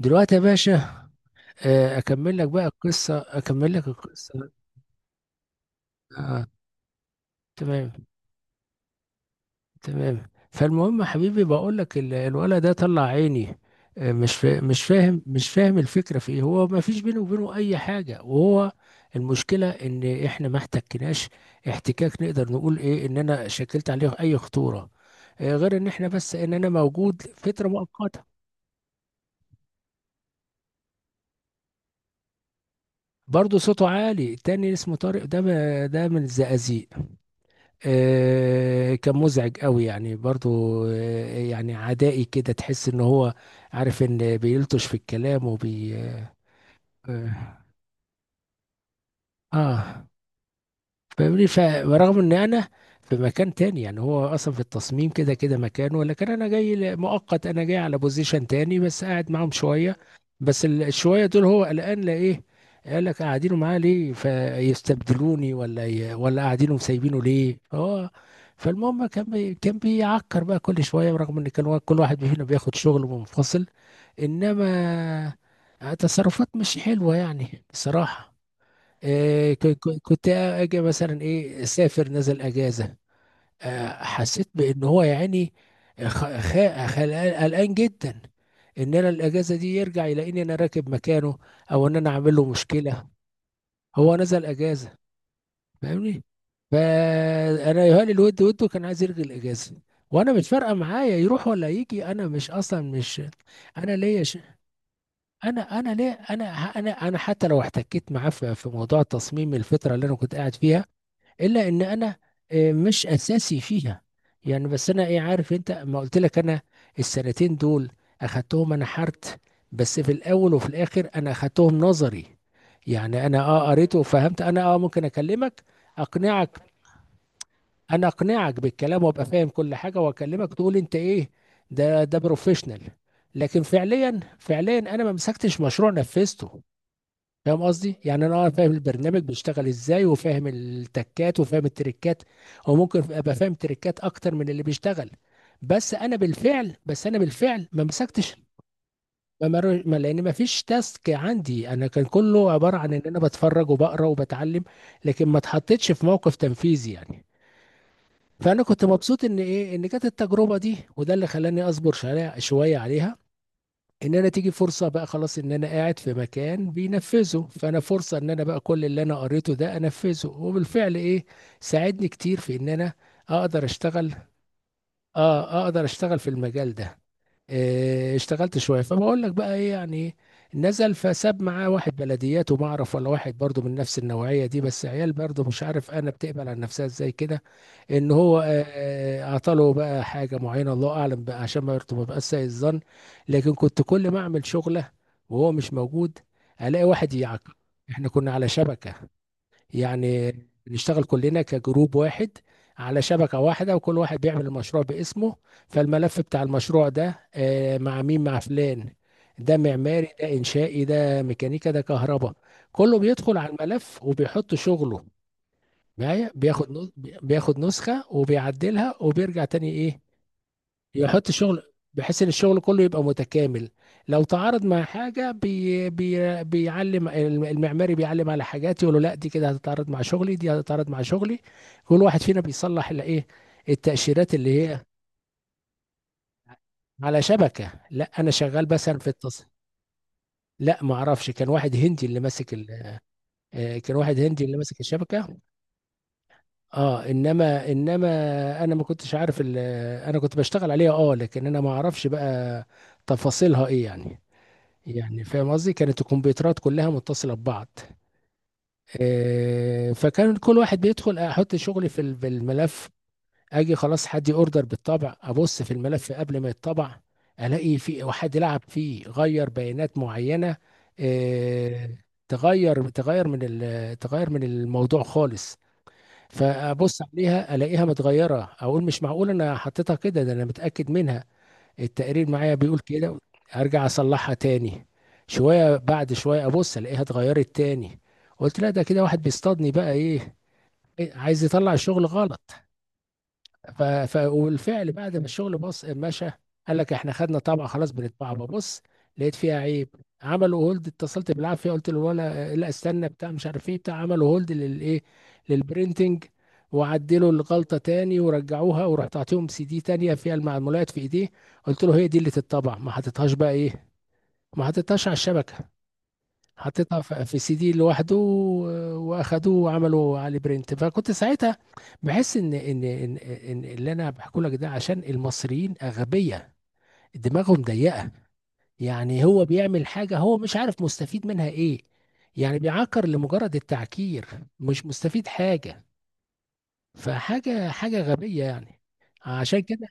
دلوقتي يا باشا. اكمل لك بقى القصه، اكمل لك القصه آه تمام تمام. فالمهم يا حبيبي، بقول لك الولد ده طلع عيني. مش فاهم، مش فاهم الفكره في ايه. هو ما فيش بينه وبينه اي حاجه، وهو المشكله ان احنا ما احتكناش احتكاك نقدر نقول ايه ان انا شكلت عليه اي خطوره، غير ان احنا، بس ان انا موجود فتره مؤقته. برضه صوته عالي، التاني اسمه طارق ده، ده من الزقازيق. كان مزعج قوي يعني، برضو يعني عدائي كده، تحس ان هو عارف ان بيلطش في الكلام وبي اه آه. فاهمني. ورغم ان انا في مكان تاني، يعني هو اصلا في التصميم كده كده مكانه، لكن انا جاي مؤقت، انا جاي على بوزيشن تاني، بس قاعد معاهم شويه. بس الشويه دول هو قلقان لايه. قال لك قاعدينه معاه ليه فيستبدلوني، ولا قاعدينه مسايبينه ليه. اه فالمهم كان كان بيعكر بقى كل شويه، برغم ان كان كل واحد فينا بياخد شغل منفصل، انما تصرفات مش حلوه يعني بصراحه. كنت اجي مثلا ايه، سافر، نزل اجازه. حسيت بان هو يعني قلقان جدا ان انا الاجازه دي يرجع يلاقيني انا راكب مكانه، او ان انا عامل له مشكله. هو نزل اجازه، فاهمني، فانا يهالي الود، وده كان عايز يلغي الاجازه، وانا مش فارقه معايا يروح ولا يجي، انا مش اصلا مش. انا ليا ش... انا ليه انا، انا حتى لو احتكيت معاه في في موضوع تصميم الفتره اللي انا كنت قاعد فيها، الا ان انا مش اساسي فيها. يعني بس انا ايه، عارف انت ما قلت لك انا السنتين دول اخدتهم انا حرت، بس في الاول وفي الاخر انا اخدتهم نظري. يعني انا اه قريت وفهمت، انا اه ممكن اكلمك، اقنعك، انا اقنعك بالكلام وابقى فاهم كل حاجه، واكلمك تقول انت ايه. ده ده بروفيشنال، لكن فعليا فعليا انا ما مسكتش مشروع نفذته. فاهم قصدي؟ يعني انا اه فاهم البرنامج بيشتغل ازاي، وفاهم التكات، وفاهم التريكات، او ممكن ابقى فاهم تريكات اكتر من اللي بيشتغل. بس انا بالفعل، بس انا بالفعل ما مسكتش. ما مر- ما- لان ما فيش تاسك عندي، انا كان كله عباره عن ان انا بتفرج وبقرا وبتعلم، لكن ما اتحطيتش في موقف تنفيذي يعني. فانا كنت مبسوط ان ايه، ان جت التجربه دي، وده اللي خلاني اصبر شويه شويه عليها. ان انا تيجي فرصه بقى خلاص، ان انا قاعد في مكان بينفذه، فانا فرصه ان انا بقى كل اللي انا قريته ده انفذه، وبالفعل ايه، ساعدني كتير في ان انا اقدر اشتغل. اه اقدر اشتغل في المجال ده. اشتغلت شويه. فبقول لك بقى ايه يعني نزل فساب معاه واحد بلديات، وما اعرف، ولا واحد برضه من نفس النوعيه دي، بس عيال برضه مش عارف انا بتقبل على نفسها ازاي كده. ان هو اعطاله بقى حاجه معينه، الله اعلم بقى، عشان ما يبقاش سيء الظن. لكن كنت كل ما اعمل شغله وهو مش موجود، الاقي واحد يعاقب. احنا كنا على شبكه، يعني نشتغل كلنا كجروب واحد، على شبكة واحدة، وكل واحد بيعمل المشروع باسمه. فالملف بتاع المشروع ده مع مين؟ مع فلان، ده معماري، ده إنشائي، ده ميكانيكا، ده كهرباء. كله بيدخل على الملف وبيحط شغله. معايا بياخد نسخة وبيعدلها وبيرجع تاني ايه، يحط شغل، بحيث ان الشغل كله يبقى متكامل. لو تعارض مع حاجه بي بي بيعلم المعماري، بيعلم على حاجات يقول له لا، دي كده هتتعارض مع شغلي، دي هتتعارض مع شغلي. كل واحد فينا بيصلح اللي ايه، التأشيرات اللي هي. على شبكه، لا انا شغال مثلا في التص. لا ما اعرفش، كان واحد هندي اللي ماسك كان واحد هندي اللي ماسك الشبكه. اه انما انما انا ما كنتش عارف انا كنت بشتغل عليها اه، لكن انا ما اعرفش بقى تفاصيلها ايه يعني. يعني فاهم قصدي، كانت الكمبيوترات كلها متصلة ببعض. فكان كل واحد بيدخل، احط شغلي في في الملف. اجي خلاص، حد اوردر بالطبع، ابص في الملف قبل ما يتطبع، الاقي في واحد لعب فيه، غير بيانات معينة. آه، تغير من تغير من الموضوع خالص. فابص عليها الاقيها متغيرة، اقول مش معقول انا حطيتها كده، ده انا متأكد منها، التقرير معايا بيقول كده. ارجع اصلحها تاني. شويه بعد شويه ابص الاقيها اتغيرت تاني. قلت لا، ده كده واحد بيصطادني بقى ايه. عايز يطلع الشغل غلط. والفعل بعد ما الشغل بص مشى، قال لك احنا خدنا طبعه خلاص، بنطبعها. ببص لقيت فيها عيب. عملوا هولد، اتصلت بالعافيه قلت له ولا لا استنى بتاع مش عارف ايه، بتاع عملوا هولد للايه، للبرينتنج، وعدلوا الغلطه تاني ورجعوها. ورحت اعطيهم سي دي تانيه فيها المعلومات في ايديه. قلت له هي دي اللي تتطبع، ما حطيتهاش بقى ايه، ما حطيتهاش على الشبكه، حطيتها في سي دي لوحده، واخدوه وعملوا عليه برنت. فكنت ساعتها بحس إن اللي انا بحكي لك ده، عشان المصريين اغبياء، دماغهم ضيقه. يعني هو بيعمل حاجه، هو مش عارف مستفيد منها ايه. يعني بيعكر لمجرد التعكير، مش مستفيد حاجه، فحاجه حاجه غبيه يعني. عشان كده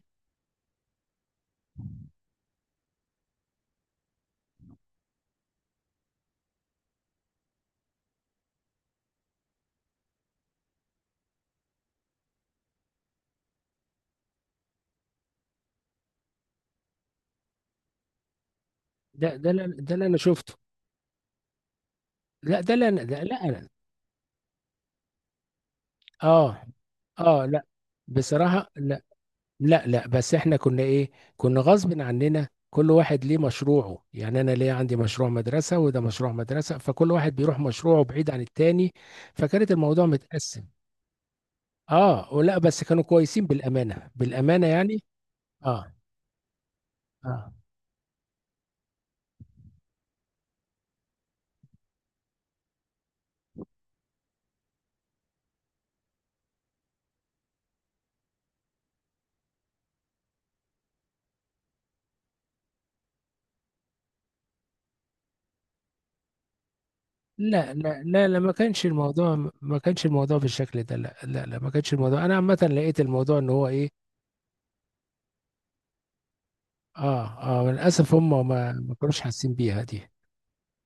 ده اللي انا شفته. لا ده اللي انا، ده لا انا اه اه. لا بصراحه لا. لا بس احنا كنا ايه، كنا غصب عننا كل واحد ليه مشروعه، يعني انا ليه عندي مشروع مدرسة، وده مشروع مدرسة، فكل واحد بيروح مشروعه بعيد عن التاني. فكانت الموضوع متقسم. اه ولا، بس كانوا كويسين بالأمانة، بالأمانة يعني. اه اه. لا ما كانش الموضوع، ما كانش الموضوع بالشكل ده. لا ما كانش الموضوع، انا عامة لقيت الموضوع ان هو ايه. اه اه للاسف هم ما ما كانوش حاسين بيها دي.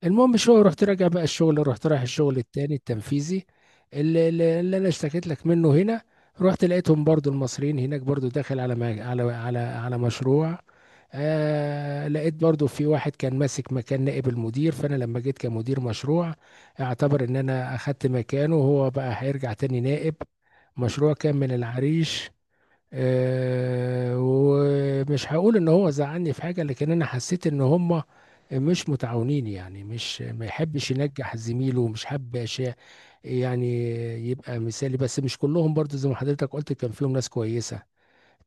المهم شو رحت راجع بقى الشغل، رحت رايح الشغل التاني التنفيذي اللي انا اشتكيت لك منه هنا. رحت لقيتهم برضو المصريين هناك برضو داخل على ما على على على مشروع. آه لقيت برضو في واحد كان ماسك مكان نائب المدير، فانا لما جيت كمدير مشروع، اعتبر ان انا اخدت مكانه، وهو بقى هيرجع تاني نائب مشروع. كان من العريش. ومش هقول ان هو زعلني في حاجه، لكن انا حسيت ان هم مش متعاونين. يعني مش، ما يحبش ينجح زميله، ومش حابب أشياء- يعني يبقى مثالي. بس مش كلهم برضو، زي ما حضرتك قلت كان فيهم ناس كويسه.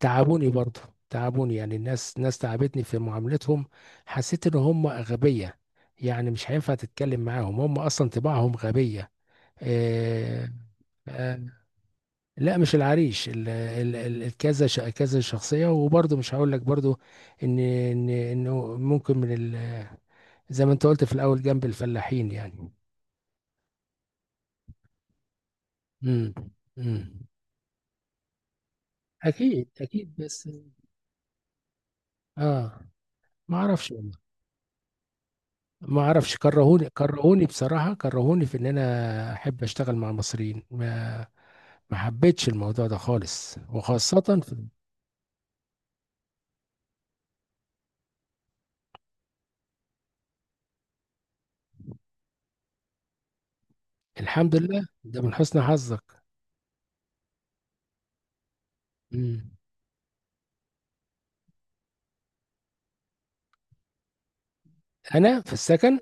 تعبوني برضو. تعبوني يعني، الناس ناس تعبتني في معاملتهم. حسيت ان هم غبيه، يعني مش هينفع تتكلم معاهم، هم اصلا طباعهم غبيه. آه، آه، لا مش العريش، الكذا، كذا شخصيه. وبرضه مش هقول لك برضه ان ان انه ممكن من زي ما انت قلت في الاول، جنب الفلاحين يعني. امم امم اكيد اكيد، بس اه ما اعرفش والله. ما اعرفش، كرهوني، كرهوني بصراحه، كرهوني في ان انا احب اشتغل مع مصريين ما. ما حبيتش الموضوع ده خالص، وخاصه في الحمد لله، ده من حسن حظك. امم انا في السكن.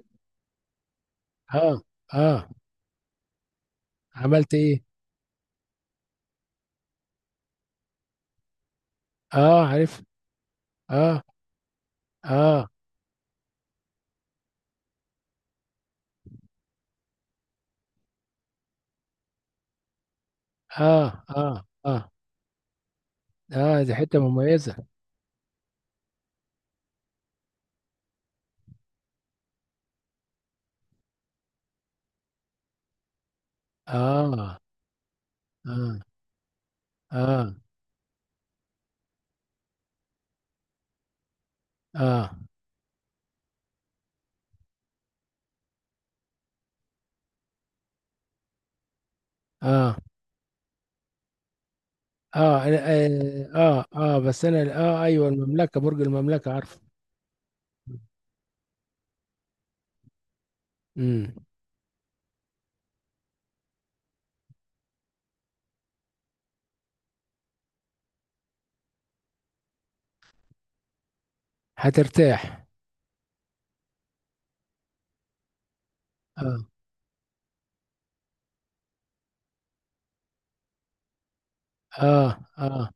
اه اه. عملت ايه؟ اه عارف. اه اه اه اه اه اه، دي حتة مميزة. اه اه اه اه اه اه أنا- اه اه بس انا اه، ايوه، المملكة، برج المملكة عارفه. امم هترتاح. اه اه اه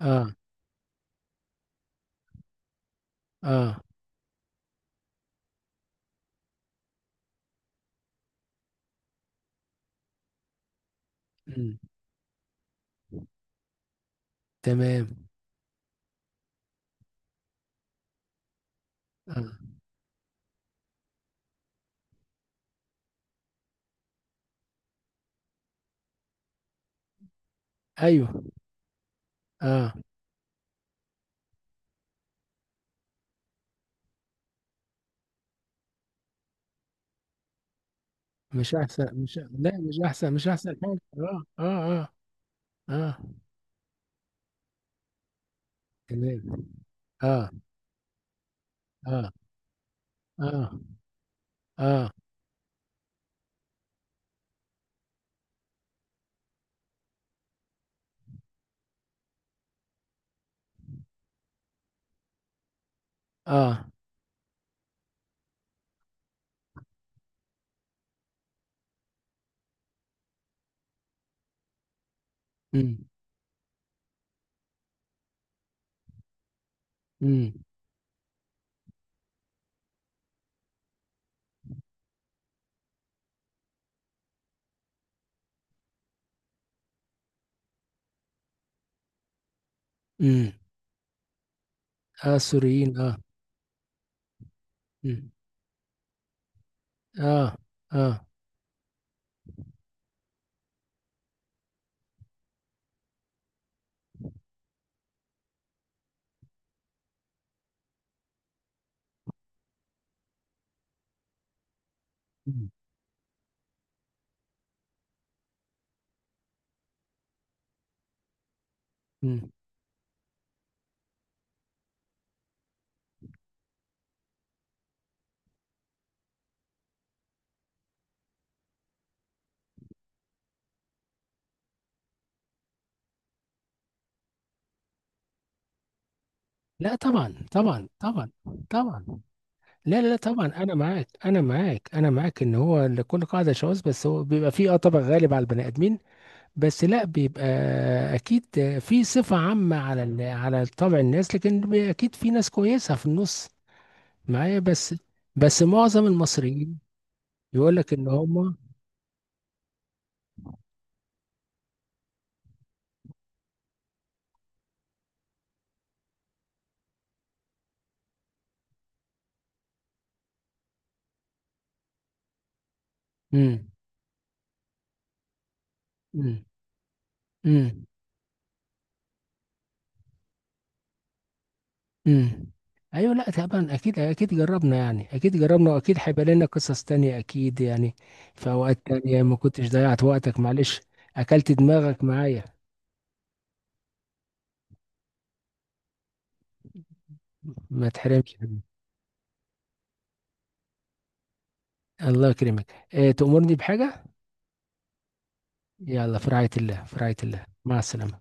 اه اه. امم تمام. آه. ايوه. اه. مش احسن، مش، لا مش احسن، مش احسن حاجة. اه اه اه اه. تمام. اه اه اه اه. آه. امم امم امم اه، السوريين اه. امم اه اه. امم أمم. لا طبعا طبعا طبعا طبعا. لا لا لا طبعا، انا معاك، انا معاك، انا معاك. ان هو لكل قاعده شواذ، بس هو بيبقى فيه اه طبع غالب على البني ادمين. بس لا بيبقى اكيد في صفه عامه على على طبع الناس، لكن اكيد في ناس كويسه في النص معايا بس. بس معظم المصريين يقول لك ان هم. امم امم امم ايوه. لا طبعا اكيد اكيد جربنا يعني، اكيد جربنا، واكيد هيبقى لنا قصص تانية اكيد يعني، في اوقات تانية ما كنتش ضيعت وقتك معلش، اكلت دماغك معايا. ما تحرمش. الله يكرمك. إيه، تأمرني بحاجة؟ يلا، في رعاية الله، في رعاية الله، مع السلامة.